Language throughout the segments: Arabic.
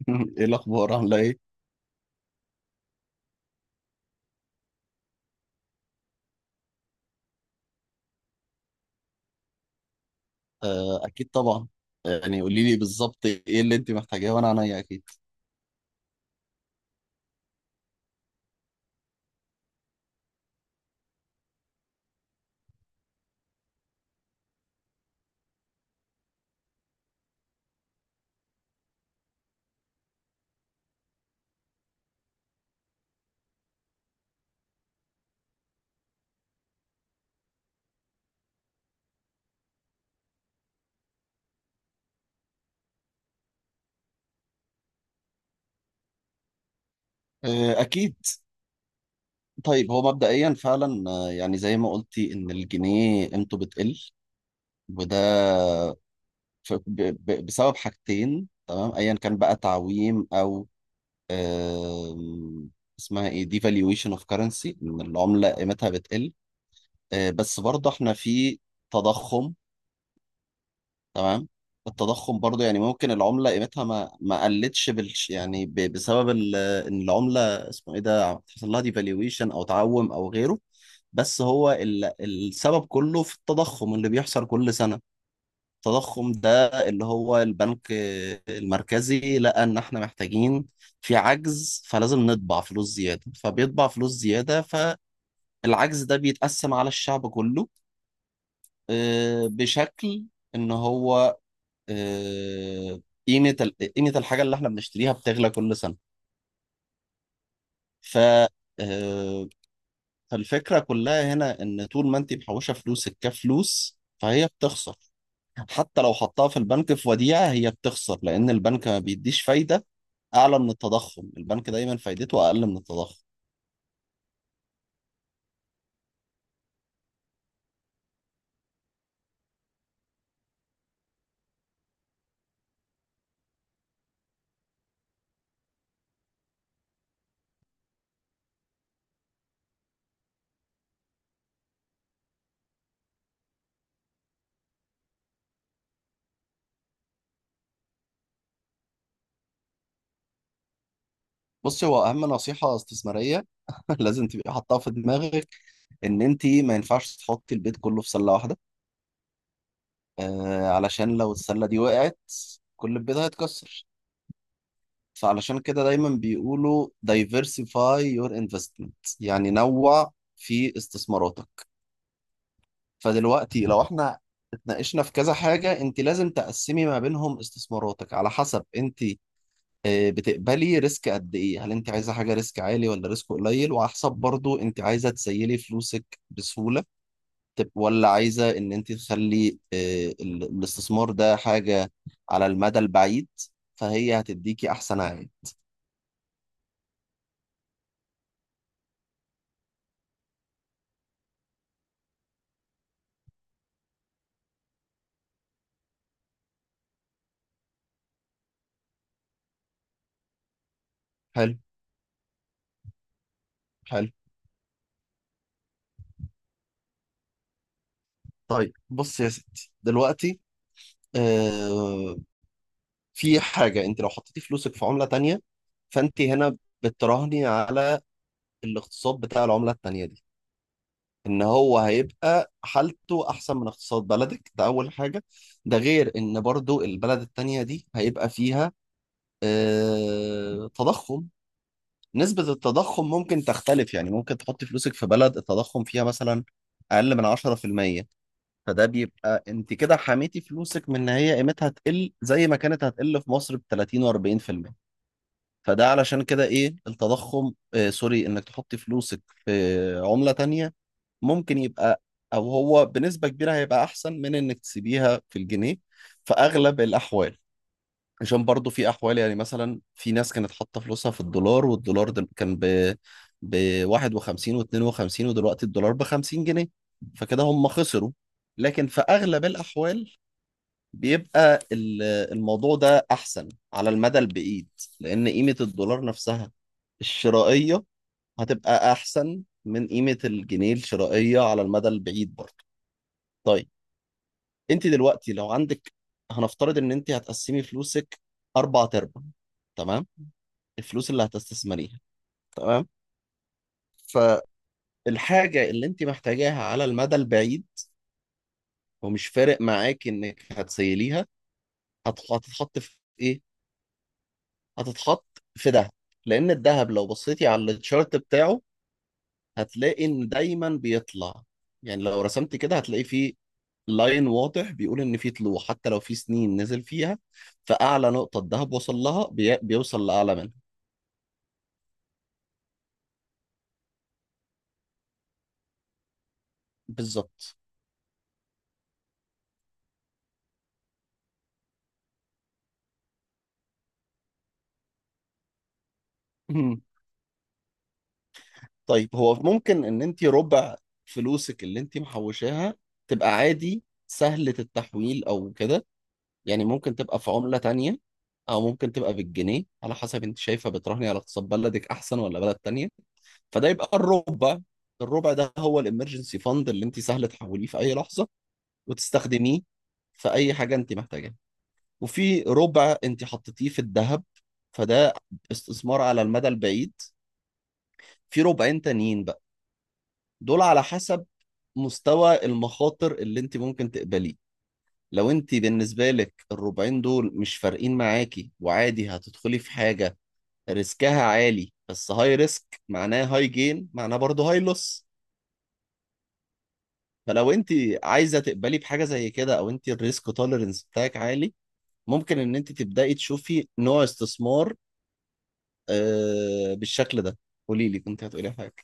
ايه الاخبار عامله ايه؟ آه اكيد طبعا. يعني قولي لي بالظبط ايه اللي انت محتاجاه وانا عينيا اكيد. آه اكيد. طيب هو مبدئيا فعلا يعني زي ما قلتي ان الجنيه قيمته بتقل، وده بسبب حاجتين، تمام، ايا كان بقى تعويم او آم، اسمها ايه devaluation of currency، ان العمله قيمتها بتقل. آه بس برضه احنا في تضخم. تمام. التضخم برضو يعني ممكن العملة قيمتها ما قلتش بالش، يعني بسبب ان العملة اسمه ايه ده حصل لها ديفالويشن او تعوم او غيره. بس هو السبب كله في التضخم اللي بيحصل كل سنة. التضخم ده اللي هو البنك المركزي لقى ان احنا محتاجين، في عجز فلازم نطبع فلوس زيادة، فبيطبع فلوس زيادة، فالعجز ده بيتقسم على الشعب كله. بشكل ان هو، آه، قيمة قيمة الحاجة اللي احنا بنشتريها بتغلى كل سنة. ف آه، فالفكرة كلها هنا ان طول ما انت محوشة فلوسك كفلوس فهي بتخسر. حتى لو حطها في البنك في وديعة هي بتخسر لأن البنك ما بيديش فايدة أعلى من التضخم. البنك دايما فايدته أقل من التضخم. بصي هو أهم نصيحة استثمارية لازم تبقي حاطها في دماغك: إن أنت ما ينفعش تحطي البيت كله في سلة واحدة. آه علشان لو السلة دي وقعت كل البيت هيتكسر. فعلشان كده دايما بيقولوا diversify your investment، يعني نوع في استثماراتك. فدلوقتي لو احنا اتناقشنا في كذا حاجة، انت لازم تقسمي ما بينهم استثماراتك على حسب انت بتقبلي ريسك قد ايه، هل انت عايزة حاجة ريسك عالي ولا ريسك قليل، وعلى حسب برضو انت عايزة تسيلي فلوسك بسهولة ولا عايزة ان انت تخلي الاستثمار ده حاجة على المدى البعيد فهي هتديكي احسن عائد. حلو. حلو. طيب بص يا ستي دلوقتي، آه، في حاجة انت لو حطيتي فلوسك في عملة تانية فانت هنا بتراهني على الاقتصاد بتاع العملة التانية دي، ان هو هيبقى حالته احسن من اقتصاد بلدك، ده اول حاجة. ده غير ان برضو البلد التانية دي هيبقى فيها آه تضخم. نسبة التضخم ممكن تختلف، يعني ممكن تحطي فلوسك في بلد التضخم فيها مثلا اقل من 10%، فده بيبقى انت كده حميتي فلوسك من ان هي قيمتها تقل زي ما كانت هتقل في مصر ب 30 و40%. فده علشان كده ايه التضخم، سوري، انك تحطي فلوسك في عملة تانية ممكن يبقى، او هو بنسبة كبيرة هيبقى احسن من انك تسيبيها في الجنيه في اغلب الاحوال. عشان برضو في احوال، يعني مثلا في ناس كانت حاطه فلوسها في الدولار والدولار ده كان ب 51 و52 ودلوقتي الدولار ب 50 جنيه، فكده هم خسروا. لكن في اغلب الاحوال بيبقى الموضوع ده احسن على المدى البعيد، لان قيمه الدولار نفسها الشرائيه هتبقى احسن من قيمه الجنيه الشرائيه على المدى البعيد برضو. طيب انت دلوقتي لو عندك، هنفترض ان انت هتقسمي فلوسك اربع ارباع، تمام، الفلوس اللي هتستثمريها، تمام، فالحاجة اللي انت محتاجاها على المدى البعيد ومش فارق معاك انك هتسيليها، هتتحط في ايه؟ هتتحط في دهب. لان الدهب لو بصيتي على التشارت بتاعه هتلاقي ان دايما بيطلع، يعني لو رسمت كده هتلاقي فيه لاين واضح بيقول ان في طلوع حتى لو في سنين نزل فيها، فاعلى نقطة الدهب وصل لها بيوصل لاعلى منها. بالظبط. طيب هو ممكن ان انت ربع فلوسك اللي انت محوشاها تبقى عادي سهلة التحويل او كده، يعني ممكن تبقى في عملة تانية او ممكن تبقى بالجنيه، على حسب انت شايفة بتراهني على اقتصاد بلدك احسن ولا بلد تانية. فده يبقى الربع. الربع ده هو الامرجنسي فاند اللي انت سهل تحوليه في اي لحظة وتستخدميه في اي حاجة انت محتاجاها. وفي ربع انت حطيتيه في الذهب، فده استثمار على المدى البعيد. في ربعين تانيين بقى، دول على حسب مستوى المخاطر اللي انت ممكن تقبليه. لو انت بالنسبة لك الربعين دول مش فارقين معاكي وعادي هتدخلي في حاجة ريسكها عالي، بس هاي ريسك معناه هاي جين معناه برضه هاي لوس. فلو انت عايزة تقبلي بحاجة زي كده او انت الريسك توليرنس بتاعك عالي، ممكن ان انت تبدأي تشوفي نوع استثمار بالشكل ده. قولي لي كنت هتقولي حاجة.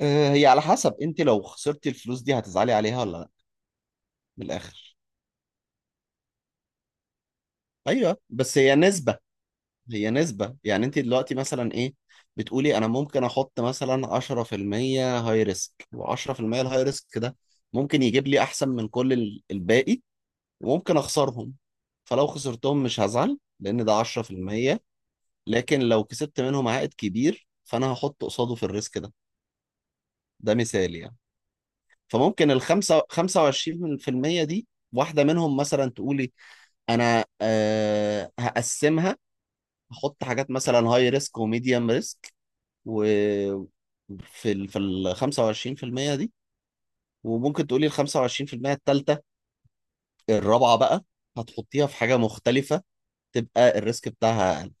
هي على حسب انت لو خسرتي الفلوس دي هتزعلي عليها ولا لا، من الآخر. ايوه بس هي نسبة، هي نسبة، يعني انت دلوقتي مثلا ايه بتقولي انا ممكن احط مثلا 10% هاي ريسك، و10% الهاي ريسك ده ممكن يجيب لي احسن من كل الباقي وممكن اخسرهم. فلو خسرتهم مش هزعل لان ده 10%. لكن لو كسبت منهم عائد كبير فانا هحط قصاده في الريسك ده. ده مثال يعني. فممكن ال 5 25% دي واحدة منهم مثلا تقولي انا أه هقسمها، احط حاجات مثلا هاي ريسك وميديوم ريسك، و في ال 25% دي. وممكن تقولي ال 25% التالتة، الرابعة بقى، هتحطيها في حاجة مختلفة تبقى الريسك بتاعها أقل.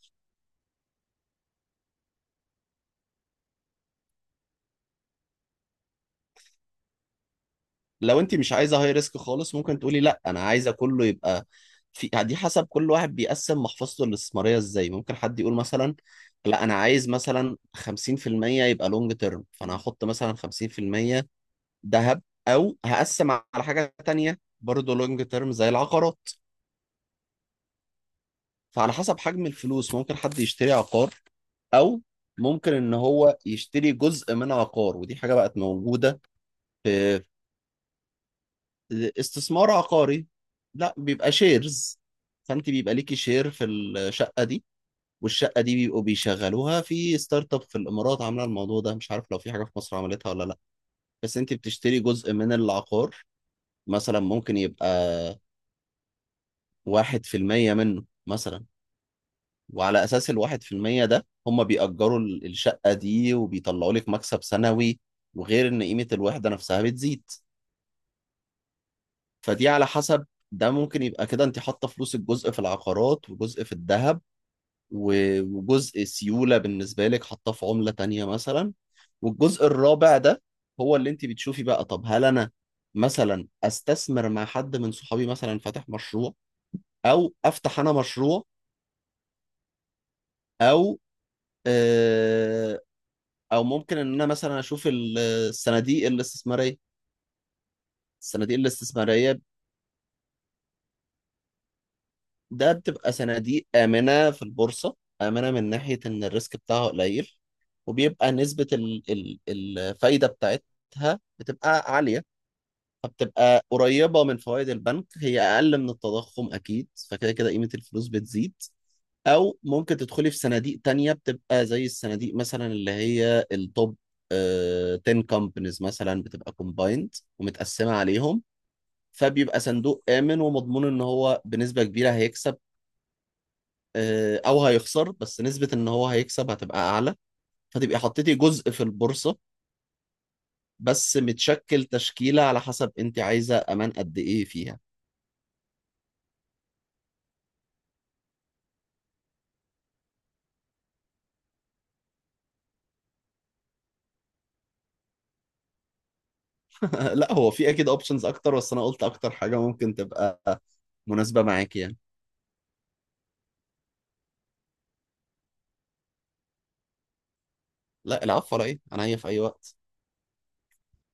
لو أنت مش عايزة هاي ريسك خالص ممكن تقولي لا أنا عايزة كله يبقى في دي، حسب كل واحد بيقسم محفظته الاستثمارية إزاي. ممكن حد يقول مثلا لا أنا عايز مثلا 50% يبقى لونج تيرم، فأنا هحط مثلا 50% ذهب، او هقسم على حاجه تانية برضه لونج تيرم زي العقارات. فعلى حسب حجم الفلوس ممكن حد يشتري عقار، او ممكن ان هو يشتري جزء من عقار، ودي حاجه بقت موجوده. في استثمار عقاري، لا، بيبقى شيرز، فانت بيبقى ليكي شير في الشقه دي، والشقه دي بيبقوا بيشغلوها. في ستارت اب في الامارات عامله الموضوع ده، مش عارف لو في حاجه في مصر عملتها ولا لا. بس انت بتشتري جزء من العقار، مثلا ممكن يبقى 1% منه مثلا، وعلى أساس الـ1% ده هم بيأجروا الشقة دي وبيطلعوا لك مكسب سنوي، وغير إن قيمة الوحدة نفسها بتزيد. فدي على حسب، ده ممكن يبقى كده أنت حاطة فلوسك جزء في العقارات وجزء في الذهب، وجزء سيولة بالنسبة لك حاطاه في عملة تانية مثلا. والجزء الرابع ده هو اللي أنت بتشوفي بقى، طب هل أنا مثلا استثمر مع حد من صحابي مثلا فاتح مشروع، او افتح انا مشروع، او آه، او ممكن ان انا مثلا اشوف الصناديق الاستثماريه. الصناديق الاستثماريه ده بتبقى صناديق امنه في البورصه، امنه من ناحيه ان الريسك بتاعها قليل، وبيبقى نسبه الفايده بتاعتها بتبقى عاليه. فبتبقى قريبه من فوائد البنك، هي اقل من التضخم اكيد، فكده كده قيمه الفلوس بتزيد. او ممكن تدخلي في صناديق تانية بتبقى زي الصناديق مثلا اللي هي التوب 10 كومبانيز مثلا بتبقى كومبايند ومتقسمة عليهم، فبيبقى صندوق آمن ومضمون ان هو بنسبة كبيرة هيكسب، او هيخسر، بس نسبة ان هو هيكسب هتبقى اعلى. فتبقي حطيتي جزء في البورصة بس متشكل تشكيلة على حسب انت عايزة امان قد ايه فيها. لا هو في اكيد اوبشنز اكتر بس انا قلت اكتر حاجة ممكن تبقى مناسبة معاكي يعني. لا العفو على ايه، انا هي في اي وقت.